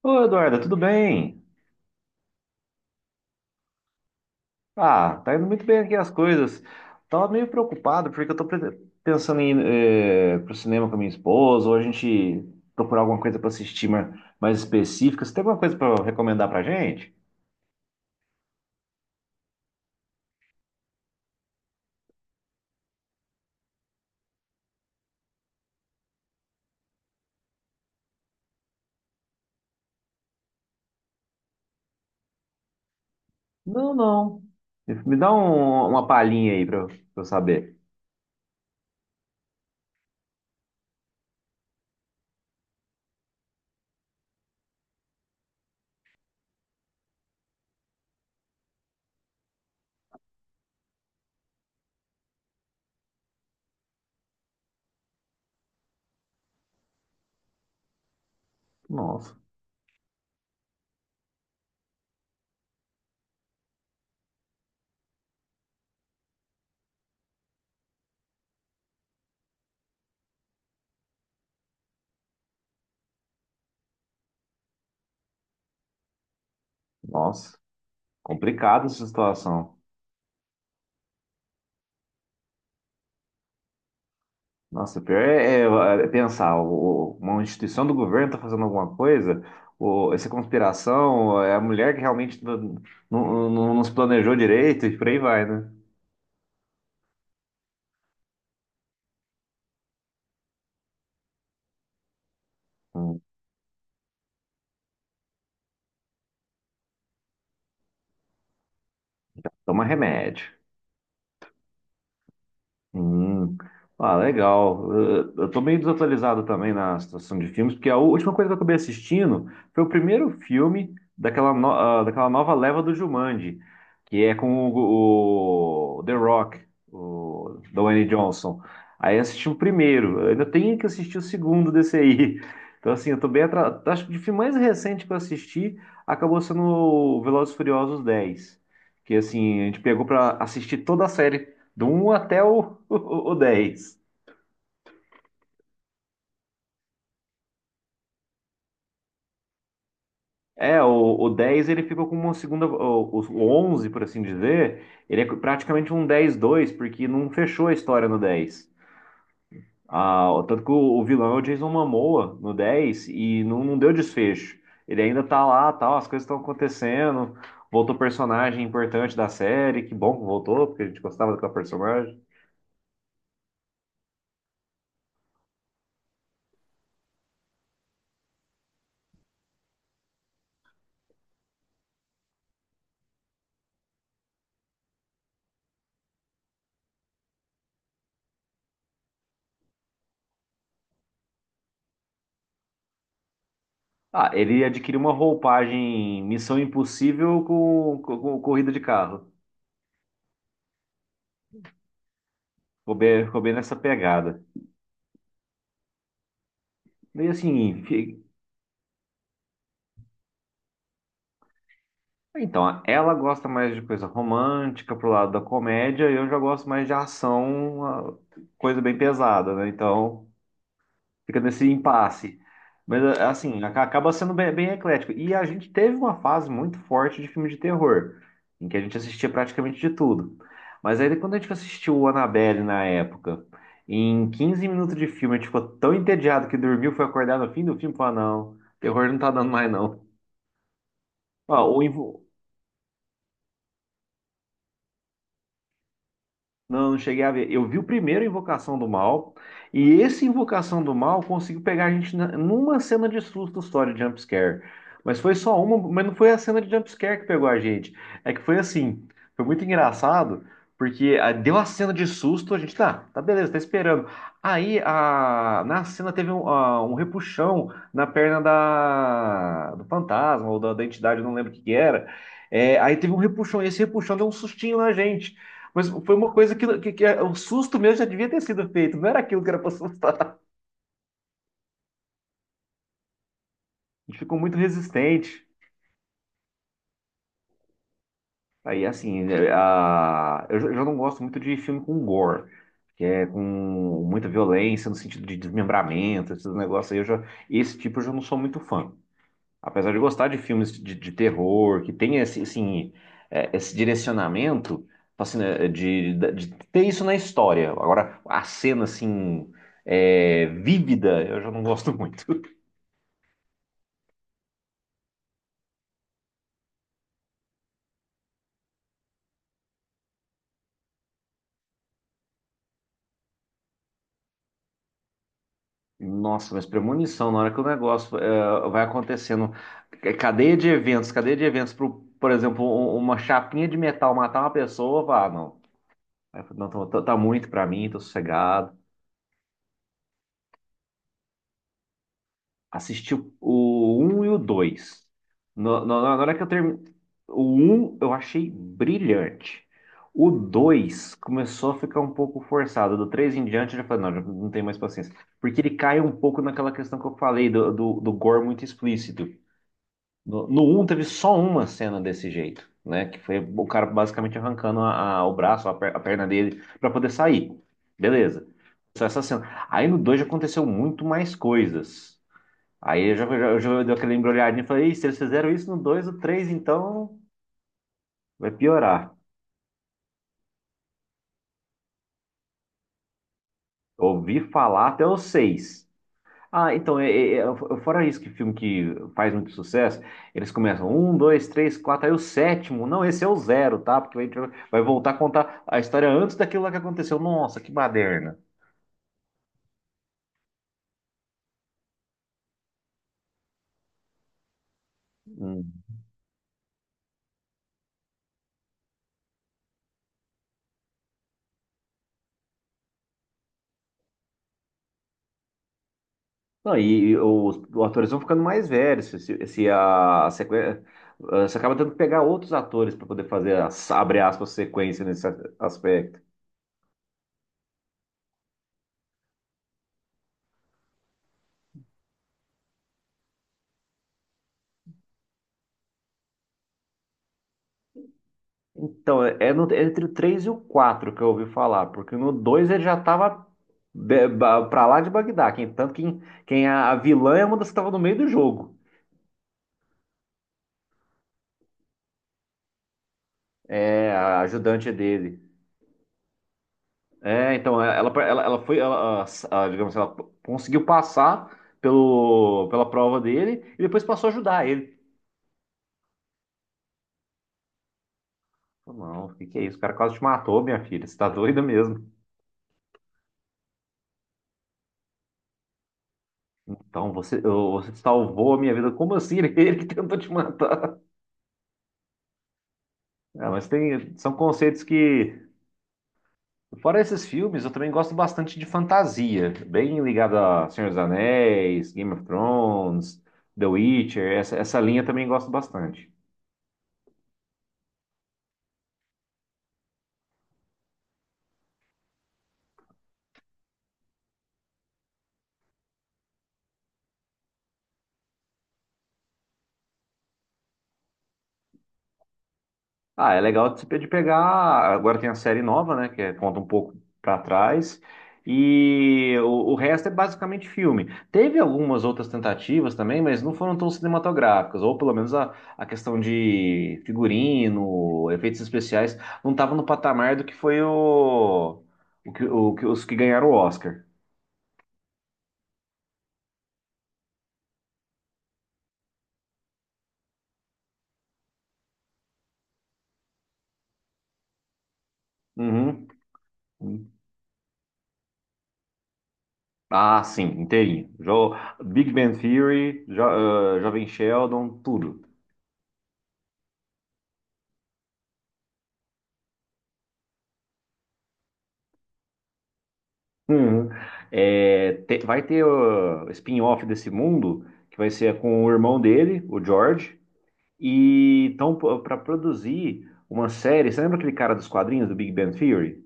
Ô, Eduarda, tudo bem? Ah, tá indo muito bem aqui as coisas. Tava meio preocupado porque pensando em ir pro cinema com a minha esposa, ou a gente procurar alguma coisa pra assistir mais específica. Você tem alguma coisa pra recomendar pra gente? Não, não. Me dá uma palhinha aí pra eu saber. Nossa, nossa, complicada essa situação. Nossa, o pior é pensar, uma instituição do governo está fazendo alguma coisa, essa conspiração, é a mulher que realmente não se planejou direito e por aí vai, né? Hum, toma remédio. Hum. Ah, legal. Eu tô meio desatualizado também na situação de filmes, porque a última coisa que eu acabei assistindo foi o primeiro filme daquela, daquela nova leva do Jumanji, que é com o The Rock, o Dwayne Johnson. Aí eu assisti o primeiro, eu ainda tenho que assistir o segundo desse aí. Então, assim, eu tô bem atrasado. Acho que o filme mais recente que eu assisti acabou sendo o Velozes e Furiosos dez. Que assim, a gente pegou pra assistir toda a série do um até o... É, o 10 ele fica com uma segunda. O 11, por assim dizer, ele é praticamente um dez dois porque não fechou a história no dez. Ah, tanto que o vilão é o Jason Momoa no 10 e não deu desfecho. Ele ainda tá lá, tal, as coisas estão acontecendo. Voltou personagem importante da série, que bom que voltou, porque a gente gostava daquela personagem. Ah, ele adquiriu uma roupagem Missão Impossível com corrida de carro. Ficou bem nessa pegada. E assim, fi- então, ela gosta mais de coisa romântica pro lado da comédia, e eu já gosto mais de ação, uma coisa bem pesada, né? Então, fica nesse impasse. Assim, acaba sendo bem, bem eclético. E a gente teve uma fase muito forte de filme de terror, em que a gente assistia praticamente de tudo. Mas aí quando a gente assistiu o Annabelle na época, em 15 minutos de filme, a gente ficou tão entediado que dormiu, foi acordado no fim do filme e falou, "Ah, não. Terror não tá dando mais, não. Ó, o Invo- Não, não cheguei a ver. Eu vi o primeiro Invocação do Mal, e esse Invocação do Mal conseguiu pegar a gente numa cena de susto só de jumpscare. Mas foi só uma, mas não foi a cena de jumpscare que pegou a gente. É que foi assim, foi muito engraçado, porque deu a cena de susto, a gente tá beleza, tá esperando. Na cena teve um repuxão na perna do fantasma ou da entidade, eu não lembro o que que era. É, aí teve um repuxão, e esse repuxão deu um sustinho na gente. Mas foi uma coisa que o susto mesmo já devia ter sido feito, não era aquilo que era para assustar. A gente ficou muito resistente. Aí, assim, é, eu já não gosto muito de filme com gore, que é com muita violência no sentido de desmembramento, esses negócios aí. Eu já, esse tipo eu já não sou muito fã. Apesar de eu gostar de filmes de terror, que tem esse, assim, é, esse direcionamento, assim, né, de ter isso na história. Agora, a cena, assim, é, vívida, eu já não gosto muito. Nossa, mas premonição, na hora que o negócio é, vai acontecendo, é, cadeia de eventos, pro, por exemplo, uma chapinha de metal matar uma pessoa, vá, não. Aí eu falei, não, tá, tá muito pra mim, tô sossegado. Assisti o 1 e o 2. Na hora que eu terminei, o um, eu achei brilhante. O 2 começou a ficar um pouco forçado. Do 3 em diante eu já falei, não, já não tenho mais paciência. Porque ele cai um pouco naquela questão que eu falei do gore muito explícito. No 1 teve só uma cena desse jeito, né? Que foi o cara basicamente arrancando o braço, a perna dele, pra poder sair. Beleza. Só essa cena. Aí no 2 já aconteceu muito mais coisas. Aí eu já dei aquela embrulhadinha e falei, "Ih, se eles fizeram isso no 2, o 3, então vai piorar. Ouvi falar até o 6. Ah, então, fora isso que filme que faz muito sucesso, eles começam um, dois, três, quatro, aí o sétimo. Não, esse é o zero, tá? Porque a gente vai voltar a contar a história antes daquilo lá que aconteceu. Nossa, que baderna. Hum. Não, e os atores vão ficando mais velhos. Se a sequência. Você acaba tendo que pegar outros atores para poder fazer, a, abre aspas, sequência nesse aspecto. Então, é, é entre o 3 e o 4 que eu ouvi falar, porque no 2 ele já tava pra lá de Bagdá, quem, tanto que quem a vilã é uma das que tava no meio do jogo, é a ajudante dele. É, então, é, ela foi, digamos assim, ela conseguiu passar pela prova dele e depois passou a ajudar ele. Falei, não, o que que é isso? O cara quase te matou, minha filha, você tá doida mesmo. Então, você salvou a minha vida, como assim? Ele que tentou te matar. É, mas tem, são conceitos que... Fora esses filmes, eu também gosto bastante de fantasia, bem ligado a Senhor dos Anéis, Game of Thrones, The Witcher, essa linha eu também gosto bastante. Ah, é legal de de pegar. Agora tem a série nova, né? Conta um pouco pra trás. E o resto é basicamente filme. Teve algumas outras tentativas também, mas não foram tão cinematográficas. Ou pelo menos a questão de figurino, efeitos especiais, não estava no patamar do que foi os que ganharam o Oscar. Uhum. Ah, sim, inteirinho. Big Bang Theory, Jovem Sheldon, tudo. Uhum. É, vai ter o spin-off desse mundo, que vai ser com o irmão dele, o George, e então para produzir uma série. Você lembra aquele cara dos quadrinhos do Big Bang Theory?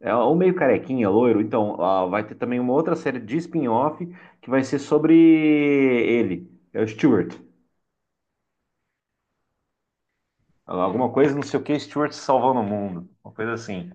É um meio carequinha, loiro. Então, ah, vai ter também uma outra série de spin-off que vai ser sobre ele, é o Stewart. Alguma coisa, não sei o que, Stewart salvando o mundo. Uma coisa assim.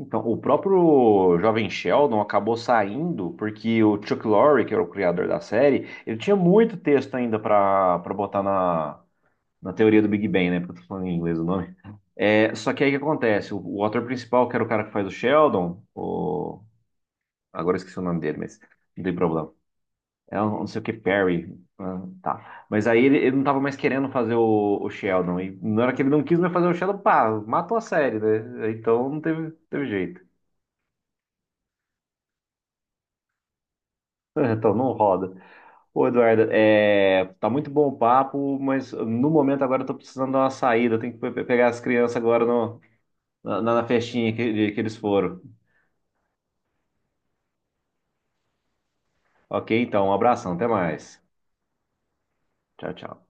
Então, o próprio Jovem Sheldon acabou saindo porque o Chuck Lorre, que era o criador da série, ele tinha muito texto ainda para botar na, na teoria do Big Bang, né? Porque eu tô falando em inglês o nome. É, só que aí o que acontece? O ator principal, que era o cara que faz o Sheldon, o, agora eu esqueci o nome dele, mas não tem problema. É um, não sei o que, Perry. Ah, tá. Mas aí ele não tava mais querendo fazer o Sheldon. E na hora que ele não quis mais fazer o Sheldon, pá, matou a série, né? Então não teve, teve jeito. Então não roda. Pô, Eduardo, é, tá muito bom o papo, mas no momento agora eu tô precisando dar uma saída. Eu tenho que pegar as crianças agora na, na festinha que eles foram. Ok, então, um abração, até mais. Tchau, tchau.